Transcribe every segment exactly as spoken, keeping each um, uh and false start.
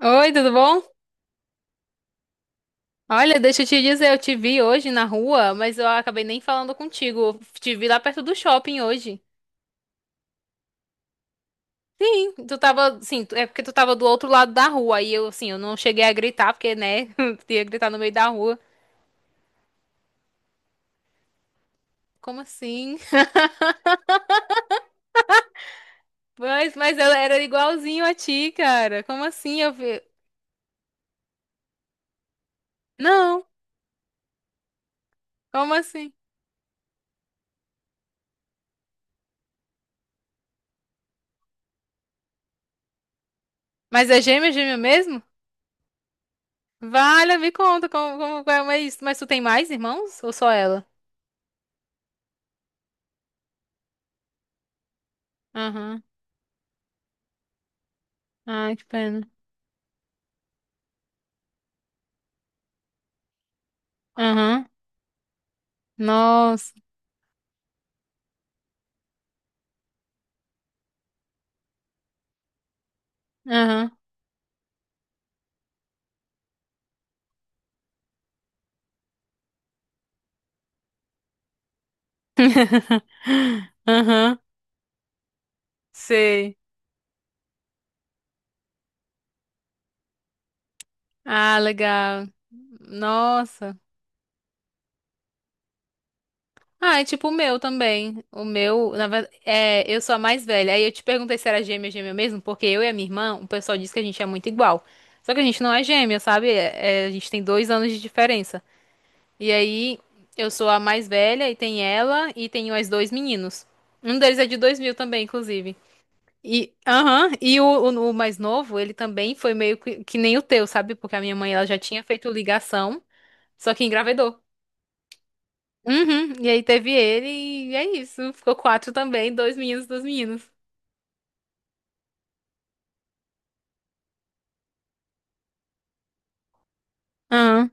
Oi, tudo bom? Olha, deixa eu te dizer, eu te vi hoje na rua, mas eu acabei nem falando contigo. Eu te vi lá perto do shopping hoje. Tu tava, sim, é porque tu tava do outro lado da rua. Aí eu, assim, eu não cheguei a gritar, porque, né, ia gritar no meio da rua. Como assim? Mas, mas ela era igualzinho a ti, cara. Como assim? Eu vi. Não, como assim? Mas é gêmea, gêmea mesmo? Vale, me conta como, como, como é isso. Mas tu tem mais irmãos ou só ela? Aham. Ai, que pena. Aham. Nossa. Aham. Aham. Sei. Ah, legal. Nossa. Ah, é tipo o meu também. O meu, na verdade, é, eu sou a mais velha. Aí eu te perguntei se era gêmea, gêmea mesmo, porque eu e a minha irmã, o pessoal diz que a gente é muito igual. Só que a gente não é gêmea, sabe? É- é, a gente tem dois anos de diferença. E aí, eu sou a mais velha e tem ela e tem mais dois meninos. Um deles é de dois mil também, inclusive. E, aham, e o, o, o mais novo, ele também foi meio que, que nem o teu, sabe? Porque a minha mãe, ela já tinha feito ligação, só que engravidou. Uhum, e aí teve ele e é isso. Ficou quatro também, dois meninos, dois meninos. Aham,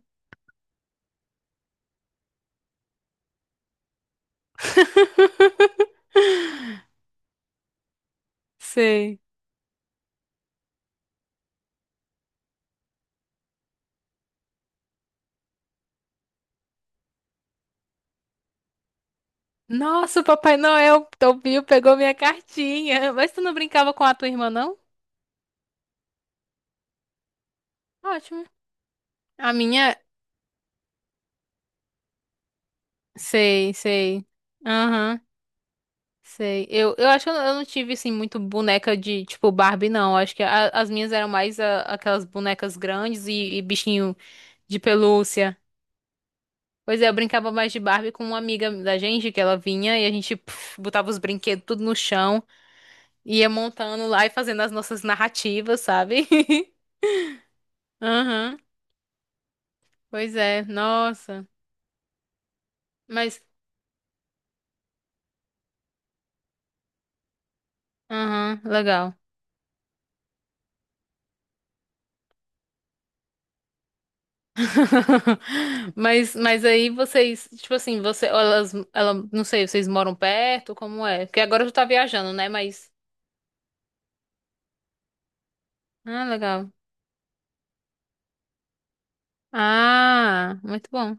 sei. Nossa, o Papai Noel, teu Bill pegou minha cartinha. Mas tu não brincava com a tua irmã, não? Ótimo. A minha, sei, sei. Aham. Sei. Eu, eu acho que eu não eu não tive, assim, muito boneca de, tipo, Barbie, não. Acho que a- as minhas eram mais a- aquelas bonecas grandes e, e bichinho de pelúcia. Pois é, eu brincava mais de Barbie com uma amiga da gente, que ela vinha e a gente puf, botava os brinquedos tudo no chão, ia montando lá e fazendo as nossas narrativas, sabe? Aham. Pois é, nossa. Mas, aham, legal. Mas, mas aí vocês, tipo assim, você, elas, ela, não sei, vocês moram perto, como é? Porque agora tu tá viajando, né? Mas, ah, legal. Ah, muito bom.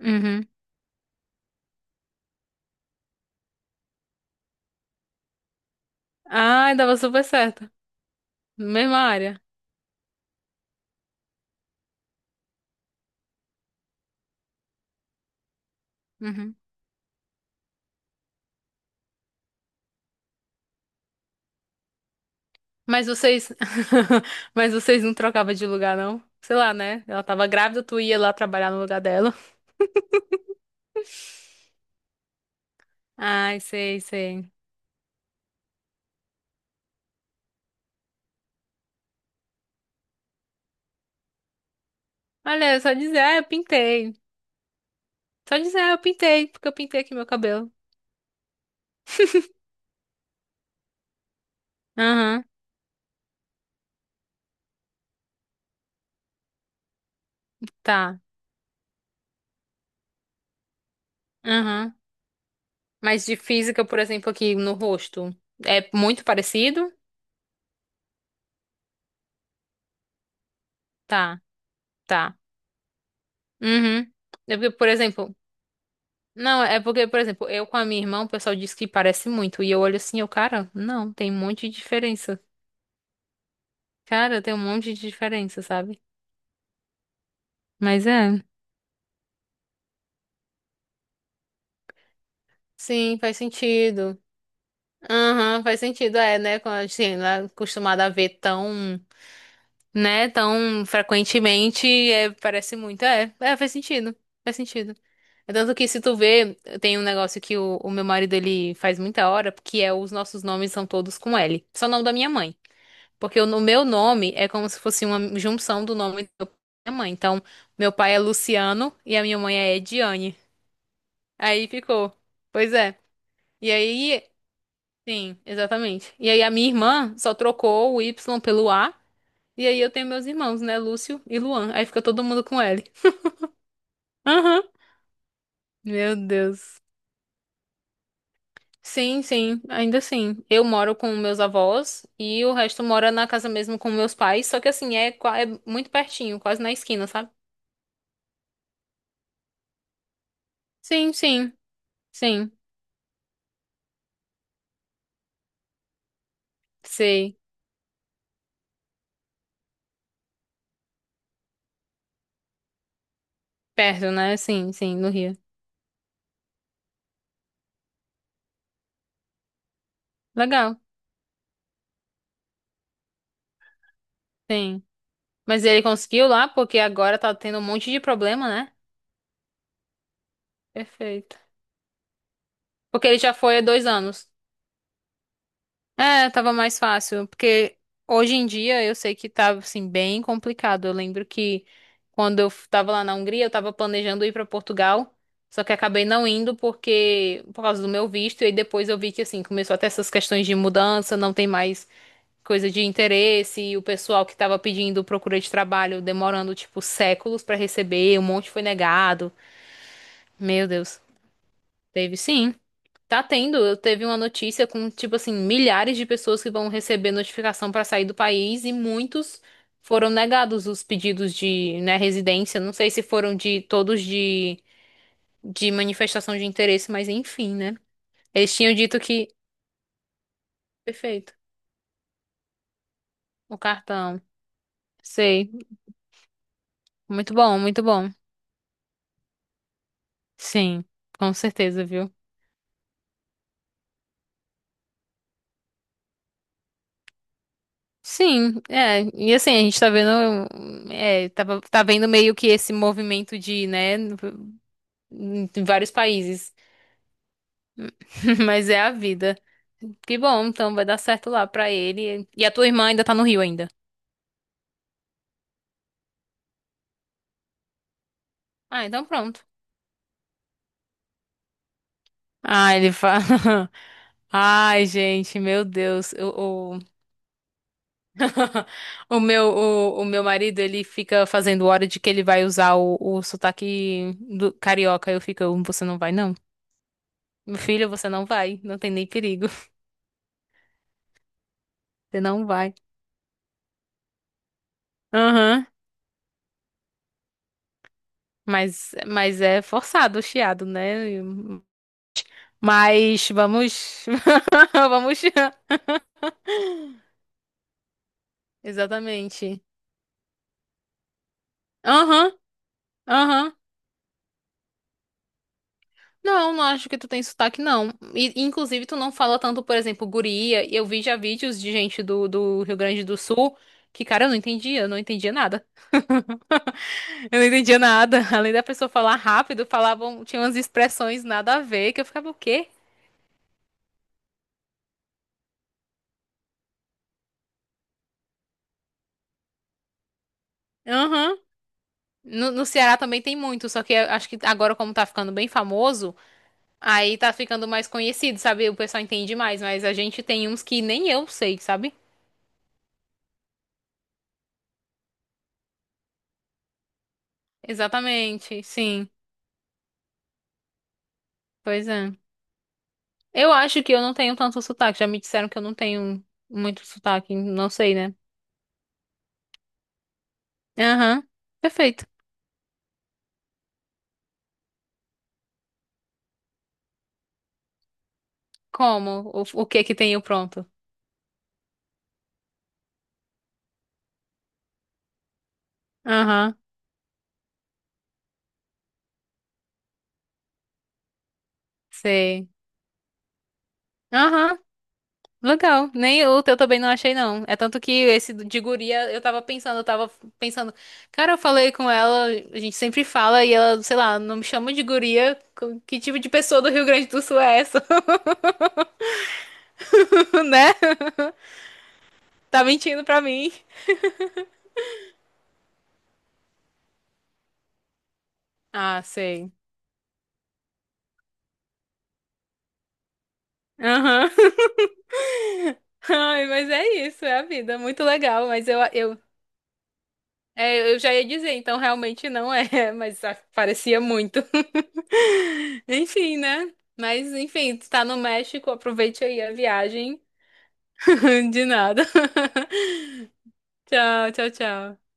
Uhum. Ah, dava super certo. Mesma área. Uhum. Mas vocês, mas vocês não trocavam de lugar, não? Sei lá, né? Ela tava grávida, tu ia lá trabalhar no lugar dela. Ai, sei, sei. Olha, só dizer, ah, eu pintei. Só dizer, ah, eu pintei, porque eu pintei aqui meu cabelo. Aham, tá. Aham. Mas de física, por exemplo, aqui no rosto, é muito parecido? Tá, tá. Uhum. É porque, por exemplo, não, é porque, por exemplo, eu com a minha irmã, o pessoal diz que parece muito, e eu olho assim, eu, cara, não, tem um monte de diferença. Cara, tem um monte de diferença, sabe? Mas é. Sim, faz sentido. Aham, faz sentido, é, né? Quando a gente não é acostumada a ver tão, né, tão frequentemente, é, parece muito. É, é, faz sentido. Faz sentido. É Tanto que se tu vê, tem um negócio que o, o meu marido ele faz muita hora, que é os nossos nomes são todos com L. Só o nome da minha mãe. Porque o no- meu nome é como se fosse uma junção do nome da minha mãe. Então, meu pai é Luciano e a minha mãe é Ediane. Aí ficou. Pois é. E aí, sim, exatamente. E aí a minha irmã só trocou o Y pelo A. E aí eu tenho meus irmãos, né? Lúcio e Luan. Aí fica todo mundo com L. Aham. Meu Deus. Sim, sim, ainda assim. Eu moro com meus avós e o resto mora na casa mesmo com meus pais, só que assim, é, qua- é muito pertinho, quase na esquina, sabe? Sim, sim, sim. Sei. Perto, né? Sim, sim, no Rio. Legal, sim. Mas ele conseguiu lá porque agora tá tendo um monte de problema, né? Perfeito. Porque ele já foi há dois anos. É, tava mais fácil, porque hoje em dia eu sei que tava assim bem complicado. Eu lembro que quando eu f- tava lá na Hungria, eu tava planejando ir pra Portugal, só que acabei não indo porque por causa do meu visto, e aí depois eu vi que assim começou até essas questões de mudança, não tem mais coisa de interesse, e o pessoal que tava pedindo procura de trabalho demorando tipo séculos pra receber, um monte foi negado. Meu Deus, teve sim. Tá tendo, eu teve uma notícia com, tipo assim, milhares de pessoas que vão receber notificação pra sair do país e muitos foram negados os pedidos de, né, residência. Não sei se foram de todos de, de manifestação de interesse, mas enfim, né? Eles tinham dito que. Perfeito. O cartão. Sei. Muito bom, muito bom. Sim, com certeza, viu? Sim, é, e assim, a gente tá vendo, é, tá, tá vendo meio que esse movimento de, né, em vários países. Mas é a vida. Que bom, então vai dar certo lá pra ele. E a tua irmã ainda tá no Rio ainda. Ah, então pronto. Ah, ele fala. Ai, gente, meu Deus. O, o, o meu, o, o meu marido, ele fica fazendo hora de que ele vai usar o, o sotaque do carioca. Eu fico, você não vai, não? Meu filho, você não vai. Não tem nem perigo. Você não vai. Aham. Mas, mas é forçado o chiado, né? Mas vamos. Vamos. Exatamente. Aham, aham. Não, não acho que tu tem sotaque, não. E, inclusive, tu não fala tanto, por exemplo, guria. E eu vi já vídeos de gente do, do Rio Grande do Sul que, cara, eu não entendia, eu não entendia nada. Eu não entendia nada. Além da pessoa falar rápido, falavam, tinha umas expressões nada a ver, que eu ficava, o quê? Aham. No, no Ceará também tem muito, só que eu acho que agora, como tá ficando bem famoso, aí tá ficando mais conhecido, sabe? O pessoal entende mais, mas a gente tem uns que nem eu sei, sabe? Exatamente, sim. Pois é. Eu acho que eu não tenho tanto sotaque. Já me disseram que eu não tenho muito sotaque, não sei, né? Aham. Perfeito. Como? O, o que que tenho pronto? Aham. Sei. Aham. Legal. Nem o teu também não achei, não. É tanto que esse de guria, eu tava pensando, eu tava pensando. Cara, eu falei com ela, a gente sempre fala, e ela, sei lá, não me chama de guria. Co- Que tipo de pessoa do Rio Grande do Sul é essa, né? Tá mentindo pra mim. Ah, sei. Aham. Ai, mas é isso, é a vida. Muito legal, mas eu, eu, é, eu já ia dizer, então realmente não é, mas a- parecia muito. Enfim, né? Mas enfim, tu tá no México, aproveite aí a viagem. De nada. Tchau, tchau, tchau.